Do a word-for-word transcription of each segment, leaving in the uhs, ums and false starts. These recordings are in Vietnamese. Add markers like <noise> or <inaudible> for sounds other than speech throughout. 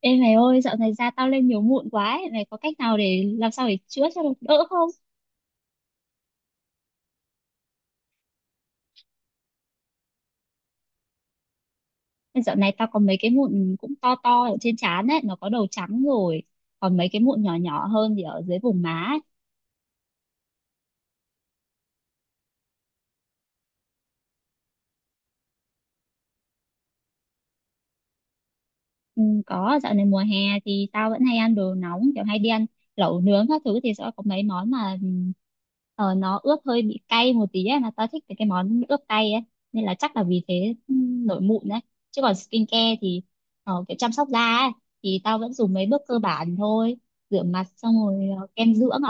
Ê mày ơi, dạo này da tao lên nhiều mụn quá ấy. Mày có cách nào để làm sao để chữa cho nó đỡ không? Mà Dạo này tao có mấy cái mụn cũng to to ở trên trán ấy, nó có đầu trắng rồi. Còn mấy cái mụn nhỏ nhỏ hơn thì ở dưới vùng má. Ừ, có dạo này mùa hè thì tao vẫn hay ăn đồ nóng kiểu hay đi ăn lẩu nướng các thứ thì sẽ có mấy món mà ừ, ờ, nó ướp hơi bị cay một tí ấy mà tao thích cái cái món ướp cay ấy nên là chắc là vì thế, ừ, nổi mụn đấy. Chứ còn skincare thì ờ, kiểu chăm sóc da ấy thì tao vẫn dùng mấy bước cơ bản thôi, rửa mặt xong rồi ờ, kem dưỡng ẩm.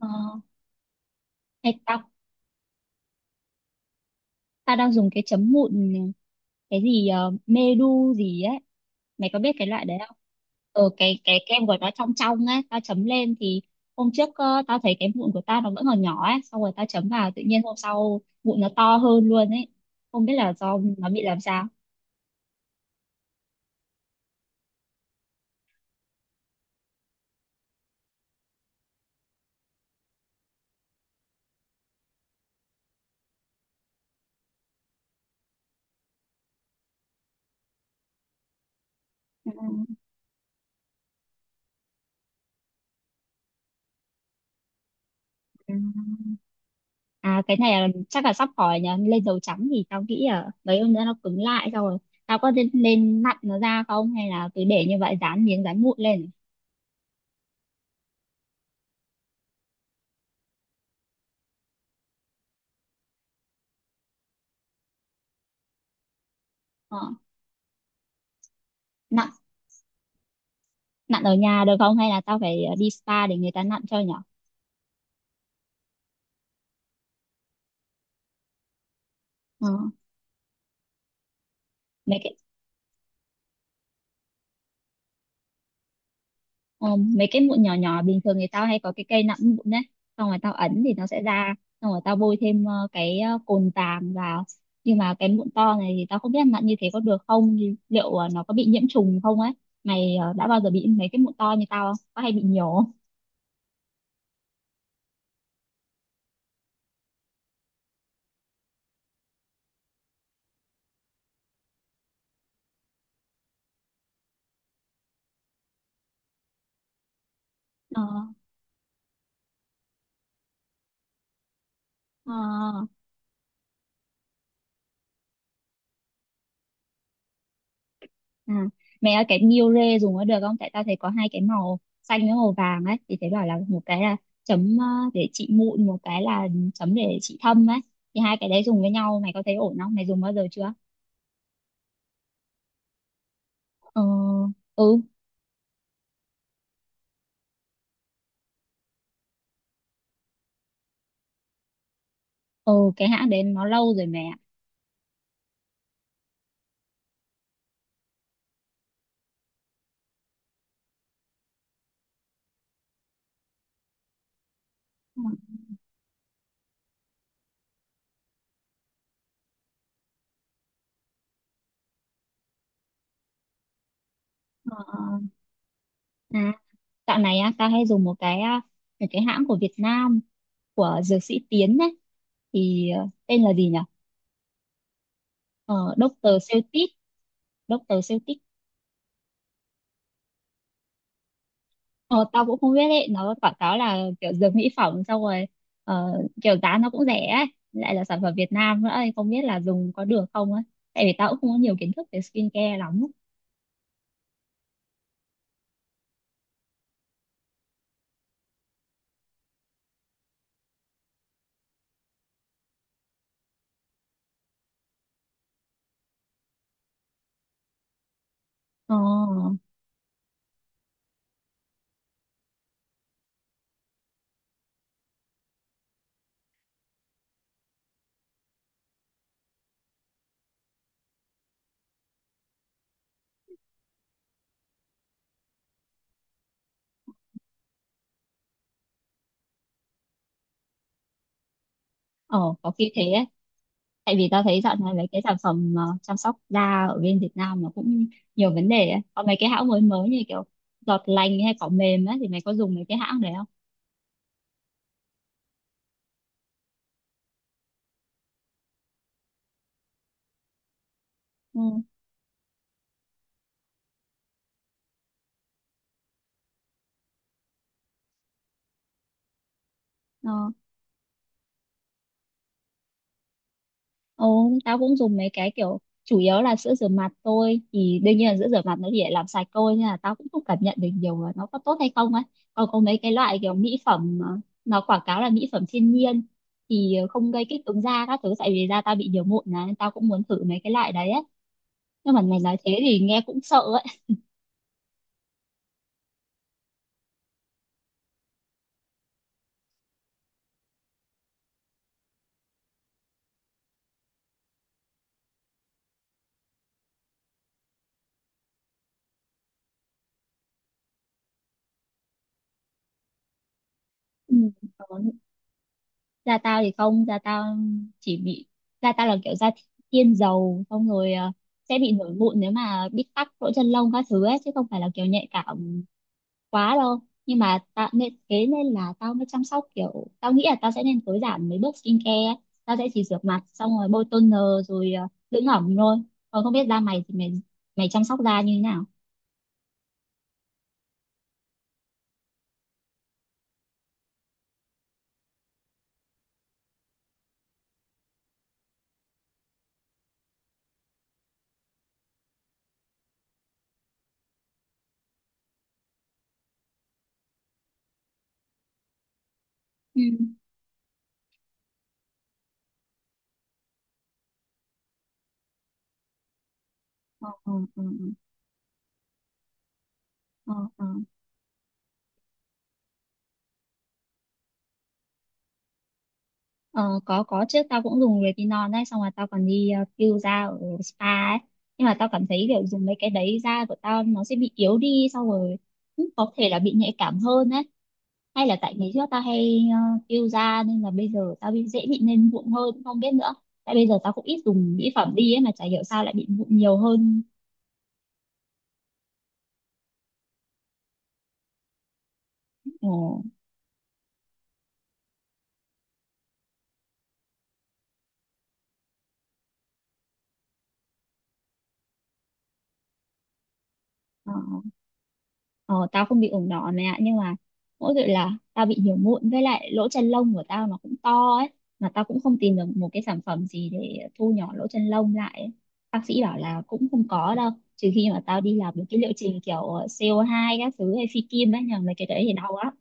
Uh, hay tao Ta đang dùng cái chấm mụn, cái gì ờ, medu gì ấy, mày có biết cái loại đấy không? Ờ cái cái kem của nó trong trong ấy, tao chấm lên thì hôm trước ờ, tao thấy cái mụn của tao nó vẫn còn nhỏ ấy, xong rồi tao chấm vào tự nhiên hôm sau mụn nó to hơn luôn ấy, không biết là do nó bị làm sao. Ừ. Ừ. À, cái này là chắc là sắp khỏi nhờ lên dầu trắng thì tao nghĩ là mấy hôm nữa nó cứng lại xong rồi tao có nên, nên nặn nó ra không, hay là cứ để như vậy dán miếng dán mụn lên? Ờ. Nặn, nặn ở nhà được không hay là tao phải ờ, đi spa để người ta nặn cho nhở? Ờ, mấy cái ờ, mấy cái mụn nhỏ nhỏ bình thường người tao hay có cái cây nặn mụn đấy, xong rồi tao ấn thì nó sẽ ra, xong rồi tao bôi thêm ờ, cái ờ, cồn vàng vào, nhưng mà cái mụn to này thì tao không biết nặn như thế có được không, thì liệu ờ, nó có bị nhiễm trùng không ấy. Mày ờ, đã bao giờ bị mấy cái mụn to như tao không, có hay bị nhiều không? ờ ờ À, mẹ ơi, cái Miu Re dùng có được không? Tại tao thấy có hai cái màu xanh với màu vàng ấy, thì thấy bảo là một cái là chấm ờ, để trị mụn, một cái là chấm để trị thâm ấy, thì hai cái đấy dùng với nhau mày có thấy ổn không? Mày dùng bao giờ chưa? Ờ, ừ. Ừ, cái hãng đấy nó lâu rồi mẹ ạ. Ờ, à, Dạo này á tao hay dùng một cái à, một cái hãng của Việt Nam, của dược sĩ Tiến ấy, thì ờ, tên là gì nhỉ? Ờ, Doctor Celtic, Doctor. Ờ, tao cũng không biết đấy, nó quảng cáo là kiểu dược mỹ phẩm xong rồi ờ, kiểu giá nó cũng rẻ ấy, lại là sản phẩm Việt Nam nữa ấy, không biết là dùng có được không ấy, tại vì tao cũng không có nhiều kiến thức về skincare lắm. ờ, ờ, có khi thế ấy, tại vì tao thấy dạo này mấy cái sản phẩm ờ, chăm sóc da ở bên Việt Nam nó cũng nhiều vấn đề ấy. Có mấy cái hãng mới mới như kiểu giọt lành hay cỏ mềm ấy, thì mày có dùng mấy cái hãng đấy không? Ừ. Ờ. Ồ, tao cũng dùng mấy cái kiểu chủ yếu là sữa rửa mặt thôi, thì đương nhiên là sữa rửa mặt nó chỉ để làm sạch thôi nên là tao cũng không cảm nhận được nhiều là nó có tốt hay không ấy. Còn có mấy cái loại kiểu mỹ phẩm ờ, nó quảng cáo là mỹ phẩm thiên nhiên thì ờ, không gây kích ứng da các thứ, tại vì da tao bị nhiều mụn này nên tao cũng muốn thử mấy cái loại đấy ấy. Nhưng mà mày nói thế thì nghe cũng sợ ấy. Ừ. <laughs> Da tao thì không, da tao chỉ bị da tao là kiểu da thiên dầu xong rồi ờ, sẽ bị nổi mụn nếu mà bị tắc lỗ chân lông các thứ ấy, chứ không phải là kiểu nhạy cảm quá đâu. Nhưng mà tao nên thế nên là tao mới chăm sóc, kiểu tao nghĩ là tao sẽ nên tối giản mấy bước skincare ấy. Tao sẽ chỉ rửa mặt xong rồi bôi toner rồi ờ, dưỡng ẩm thôi, còn không biết da mày thì mày mày chăm sóc da như thế nào? Ừ. Ừ, ừ, ừ, ừ, ừ, ừ. Ờ, có có chứ, tao cũng dùng retinol đấy, xong rồi tao còn đi ờ, peel da ở spa ấy, nhưng mà tao cảm thấy kiểu dùng mấy cái đấy da của tao nó sẽ bị yếu đi xong rồi cũng có thể là bị nhạy cảm hơn ấy, hay là tại ngày trước tao hay uh, peel da nên là bây giờ tao bị dễ bị lên mụn hơn, cũng không biết nữa. Tại bây giờ tao cũng ít dùng mỹ phẩm đi ấy mà chả hiểu sao lại bị mụn nhiều hơn. Ồ, ờ. Ờ, tao không bị ửng đỏ mẹ ạ, nhưng mà mỗi tội là tao bị nhiều mụn, với lại lỗ chân lông của tao nó cũng to ấy, mà tao cũng không tìm được một cái sản phẩm gì để thu nhỏ lỗ chân lông lại ấy. Bác sĩ bảo là cũng không có đâu, trừ khi mà tao đi làm được cái liệu trình kiểu ờ, co hai các thứ hay phi kim ấy nhờ, mấy cái đấy thì đau lắm.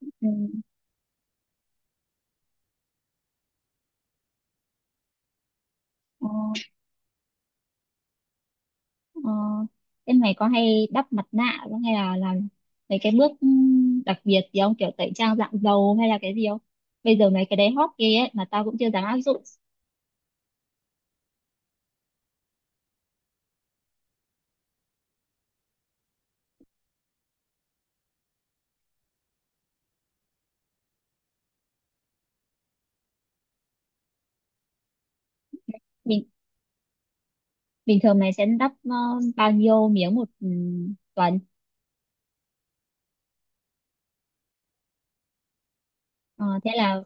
Ừ. Ờ, ờ. Thế mày có hay đắp mặt nạ không, hay là làm mấy cái bước ừm, đặc biệt gì không, kiểu tẩy trang dạng dầu hay là cái gì không? Bây giờ mấy cái đấy hot ghê ấy mà tao cũng chưa dám áp dụng. Mình, bình thường mày sẽ đắp ờ, bao nhiêu miếng một, ừ, tuần? Ờ, thế là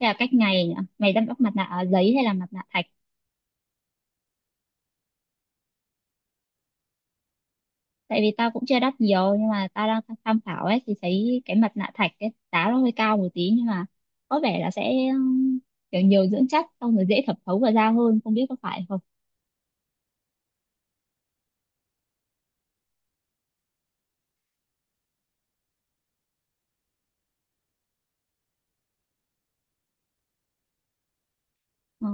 Thế là cách ngày nhỉ? Mày đắp đắp mặt nạ à, giấy hay là mặt nạ thạch? Tại vì tao cũng chưa đắp nhiều nhưng mà tao đang tham khảo ấy, thì thấy cái mặt nạ thạch cái giá nó hơi cao một tí nhưng mà có vẻ là sẽ ừ, kiểu nhiều dưỡng chất xong rồi dễ thẩm thấu vào da hơn, không biết có phải không. Ờ,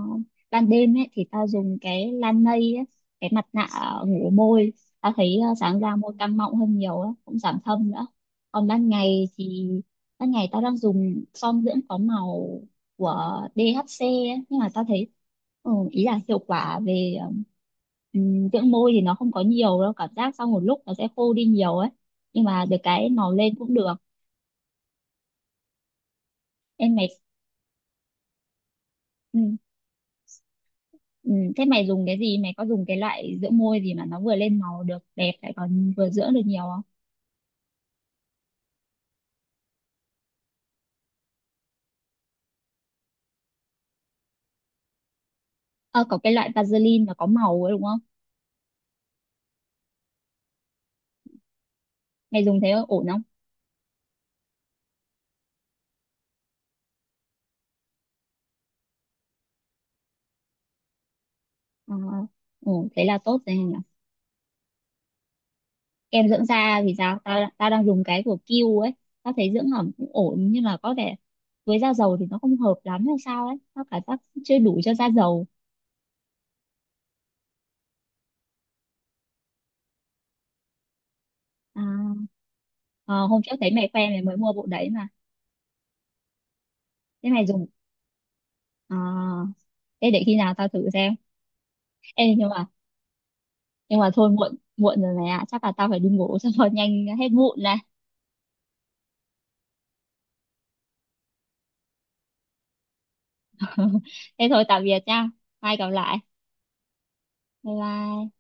ban đêm ấy thì tao dùng cái Lanei ấy, cái mặt nạ ngủ môi, tao thấy ờ, sáng ra môi căng mọng hơn nhiều ấy, cũng giảm thâm nữa. Còn ban ngày thì, ban ngày tao đang dùng son dưỡng có màu của đê hát xê ấy, nhưng mà tao thấy ừ, ý là hiệu quả về ừ, dưỡng môi thì nó không có nhiều đâu, cảm giác sau một lúc nó sẽ khô đi nhiều ấy, nhưng mà được cái màu lên cũng được. Em mày. Ừ. Ừ, thế mày dùng cái gì? Mày có dùng cái loại dưỡng môi gì mà nó vừa lên màu được đẹp lại còn vừa dưỡng được nhiều không? Ờ, có cái loại Vaseline mà có màu ấy đúng không? Mày dùng thế ổn không? Ờ, ổn, thế là tốt rồi nhỉ. Kem dưỡng da thì sao? Tao Tao đang dùng cái của Q ấy. Tao thấy dưỡng ẩm cũng ổn nhưng mà có vẻ với da dầu thì nó không hợp lắm hay sao ấy. Tao cảm giác chưa đủ cho da dầu. À, ờ, hôm trước thấy mày khoe mày mới mua bộ đấy mà. Thế mày dùng. À, thế để khi nào tao thử xem. Ê, nhưng mà, nhưng mà thôi, muộn muộn rồi này ạ, chắc là tao phải đi ngủ xong rồi nhanh hết mụn này. <laughs> Thế thôi, tạm biệt nha, mai gặp lại, bye bye.